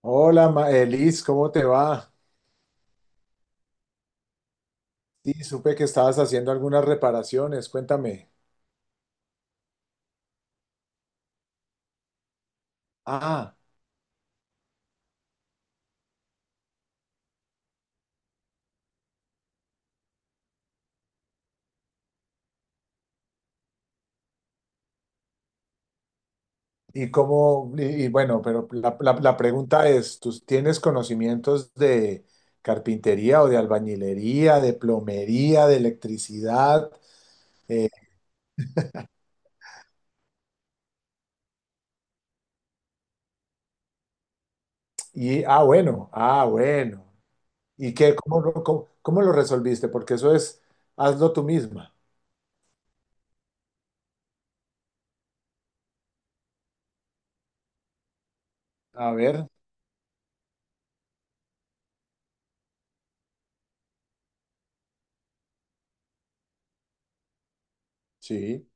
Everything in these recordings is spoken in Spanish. Hola, Liz, ¿cómo te va? Sí, supe que estabas haciendo algunas reparaciones, cuéntame. Ah, y cómo, y bueno, pero la pregunta es, ¿tú tienes conocimientos de carpintería o de albañilería, de plomería, de electricidad? Eh, bueno, bueno. ¿Y qué, cómo, lo- cómo, cómo lo resolviste? Porque eso es, hazlo tú misma. A ver, sí.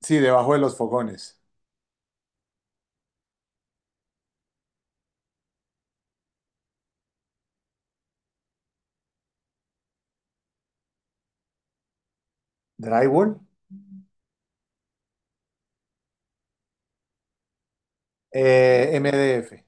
Sí, debajo de los fogones. Drywall, MDF.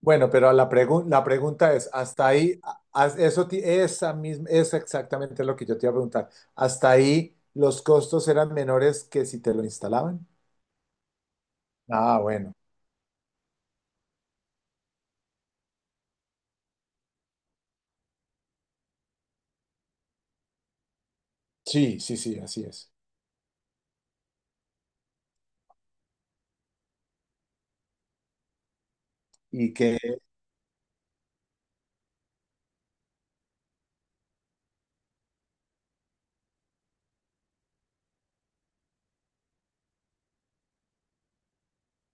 Bueno, pero la pregunta es, hasta ahí, esa misma, es exactamente lo que yo te iba a preguntar. ¿Hasta ahí los costos eran menores que si te lo instalaban? Ah, bueno. Sí, sí, sí, así es. Y que,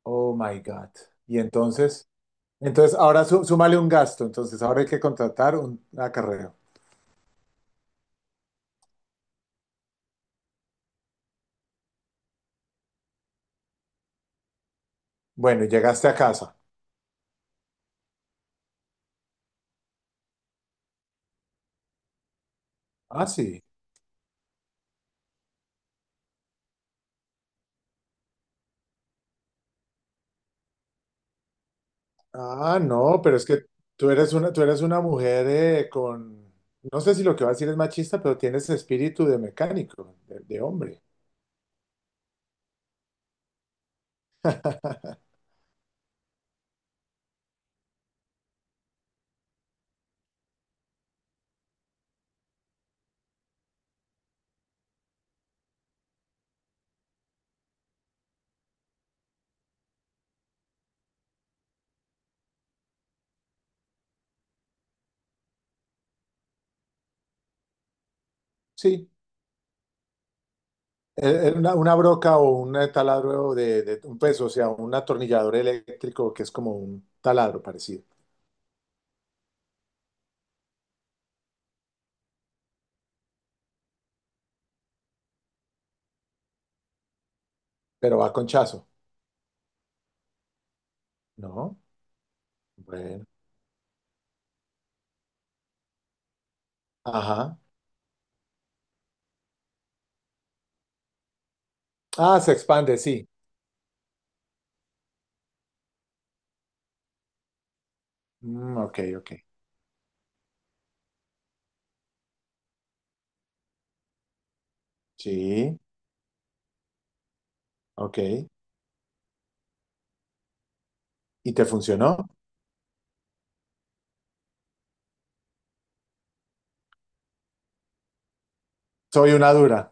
oh my God. Y entonces, entonces ahora súmale un gasto, entonces ahora hay que contratar un acarreo. Bueno, y llegaste a casa. Ah, sí. Ah, no, pero es que tú eres una mujer con, no sé si lo que va a decir es machista, pero tienes espíritu de mecánico, de hombre. Sí, una broca o un taladro de un peso, o sea, un atornillador eléctrico que es como un taladro parecido, pero va con chazo, ¿no? Bueno, ajá. Ah, se expande, sí. Mm, ok, ok. Sí, ok. ¿Y te funcionó? Soy una dura.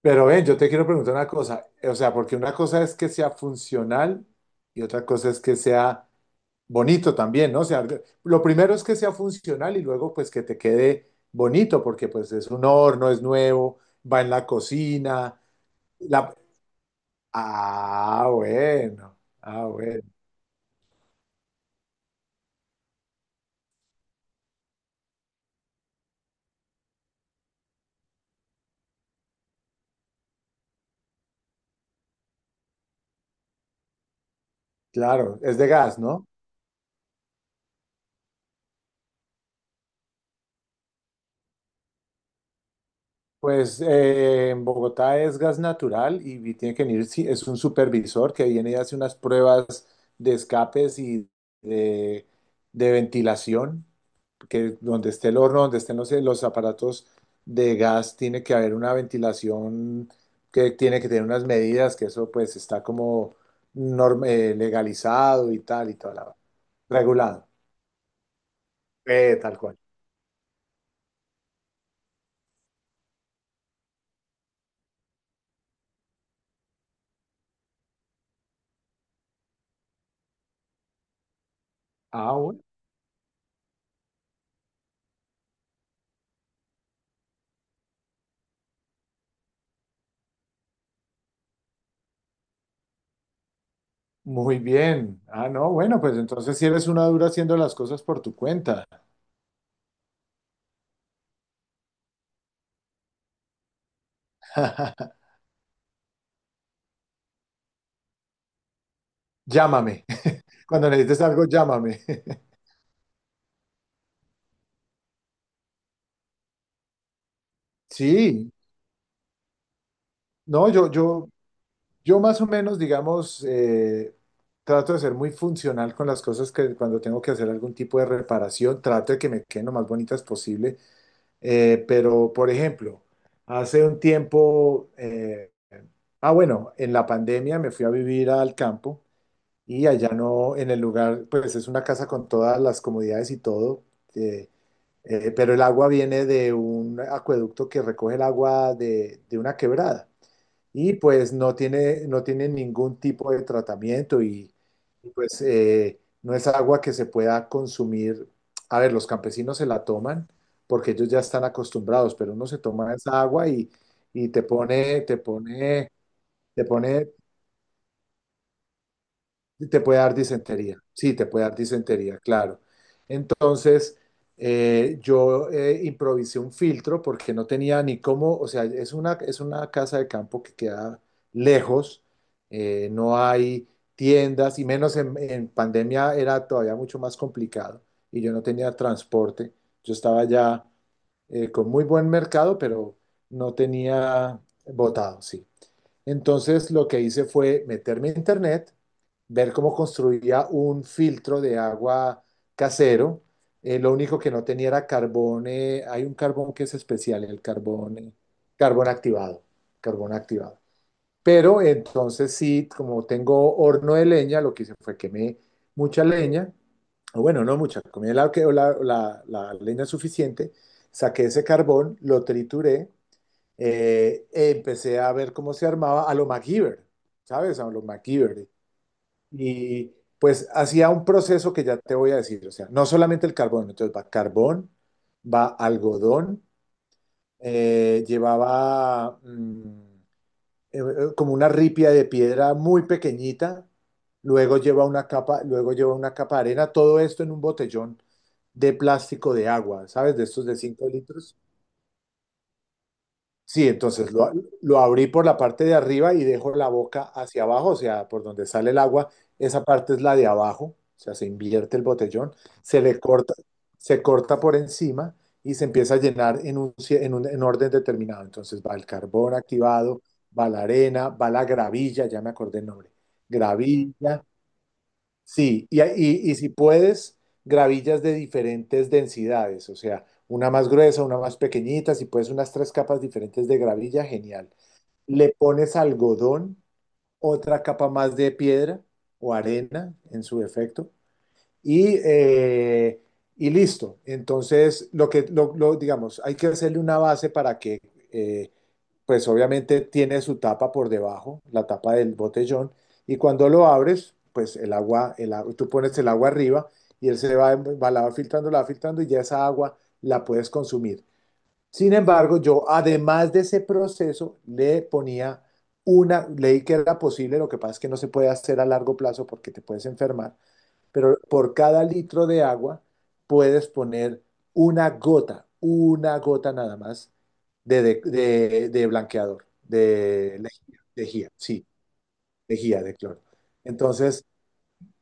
Pero ven, yo te quiero preguntar una cosa, o sea, porque una cosa es que sea funcional y otra cosa es que sea bonito también, ¿no? O sea, lo primero es que sea funcional y luego pues que te quede bonito, porque pues es un horno, es nuevo, va en la cocina. la... Ah, bueno, bueno, claro, es de gas, ¿no? Pues en Bogotá es gas natural y tiene que venir, sí, es un supervisor que viene y hace unas pruebas de escapes y de, de ventilación, que donde esté el horno, donde estén los aparatos de gas, tiene que haber una ventilación que tiene que tener unas medidas, que eso pues está como legalizado y tal y toda la regulado. Tal cual. Ah, bueno. Muy bien. Ah, no, bueno, pues entonces si eres una dura haciendo las cosas por tu cuenta. Llámame. Cuando necesites algo, llámame. Sí, no, yo más o menos, digamos, trato de ser muy funcional con las cosas que cuando tengo que hacer algún tipo de reparación, trato de que me queden lo más bonitas posible. Pero, por ejemplo, hace un tiempo, bueno, en la pandemia me fui a vivir al campo. Y allá no, en el lugar, pues es una casa con todas las comodidades y todo, eh, pero el agua viene de un acueducto que recoge el agua de una quebrada y pues no tiene ningún tipo de tratamiento y, pues no es agua que se pueda consumir. A ver, los campesinos se la toman porque ellos ya están acostumbrados, pero uno se toma esa agua y, te pone, te pone, te puede dar disentería, sí, te puede dar disentería, claro. Entonces, yo improvisé un filtro porque no tenía ni cómo, o sea, es una casa de campo que queda lejos, no hay tiendas y menos en, pandemia era todavía mucho más complicado y yo no tenía transporte. Yo estaba ya con muy buen mercado, pero no tenía votado, sí. Entonces lo que hice fue meterme a internet, ver cómo construía un filtro de agua casero. Lo único que no tenía era carbón. Hay un carbón que es especial, el carbón, carbón activado, carbón activado. Pero entonces sí, como tengo horno de leña, lo que hice fue quemé mucha leña. O bueno, no mucha, comí la leña suficiente, saqué ese carbón, lo trituré, empecé a ver cómo se armaba a lo MacGyver, ¿sabes? A lo MacGyver. Y pues hacía un proceso que ya te voy a decir, o sea, no solamente el carbón, entonces va carbón, va algodón, eh, llevaba mm, como una ripia de piedra muy pequeñita, luego lleva una capa, luego lleva una capa de arena, todo esto en un botellón de plástico de agua, ¿sabes? De estos de 5 litros. Sí, entonces lo abrí por la parte de arriba y dejo la boca hacia abajo, o sea, por donde sale el agua, esa parte es la de abajo, o sea, se invierte el botellón, se le corta, se corta por encima y se empieza a llenar en un, cie- en un en orden determinado. Entonces va el carbón activado, va la arena, va la gravilla, ya me acordé el nombre, gravilla. Sí, y, y si puedes, gravillas de diferentes densidades, o sea, una más gruesa, una más pequeñita, si puedes unas tres capas diferentes de gravilla, genial. Le pones algodón, otra capa más de piedra o arena en su efecto, y, eh, y listo. Entonces, lo que, lo- digamos, hay que hacerle una base para que eh, pues obviamente tiene su tapa por debajo, la tapa del botellón, y cuando lo abres, pues tú pones el agua arriba y él la va filtrando y ya esa agua la puedes consumir. Sin embargo, yo además de ese proceso le ponía leí que era posible, lo que pasa es que no se puede hacer a largo plazo porque te puedes enfermar, pero por cada litro de agua puedes poner una gota nada más de blanqueador, de lejía, lejía, sí, lejía de cloro. Entonces,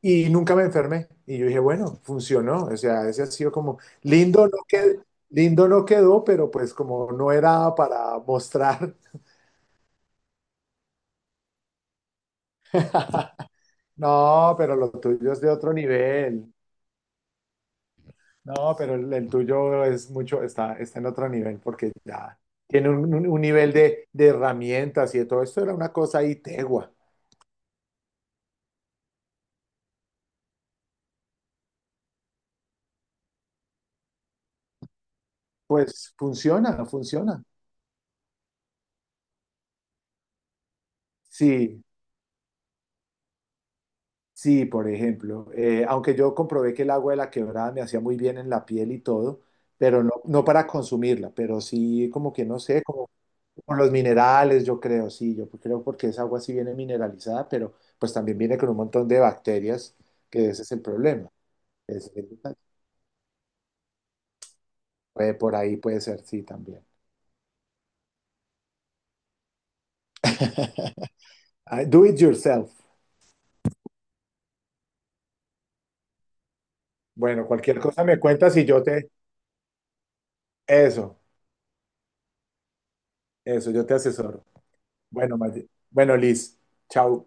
y nunca me enfermé. Y yo dije, bueno, funcionó. O sea, ese ha sido como lindo, no quedó, lindo no quedó, pero pues como no era para mostrar. No, pero lo tuyo es de otro nivel. No, pero el tuyo es mucho, está en otro nivel porque ya tiene un, un nivel de herramientas y de todo esto. Era una cosa ahí tegua. Pues funciona, funciona. Sí, sí, por ejemplo. Aunque yo comprobé que el agua de la quebrada me hacía muy bien en la piel y todo, pero no, no para consumirla, pero sí como que no sé, como con los minerales, yo creo, sí, yo creo porque esa agua sí viene mineralizada, pero pues también viene con un montón de bacterias, que ese es el problema. Es- por ahí puede ser, sí, también. Ah, do it yourself. Bueno, cualquier cosa me cuentas. Eso, eso, yo te asesoro. Bueno, bueno, Liz, chao.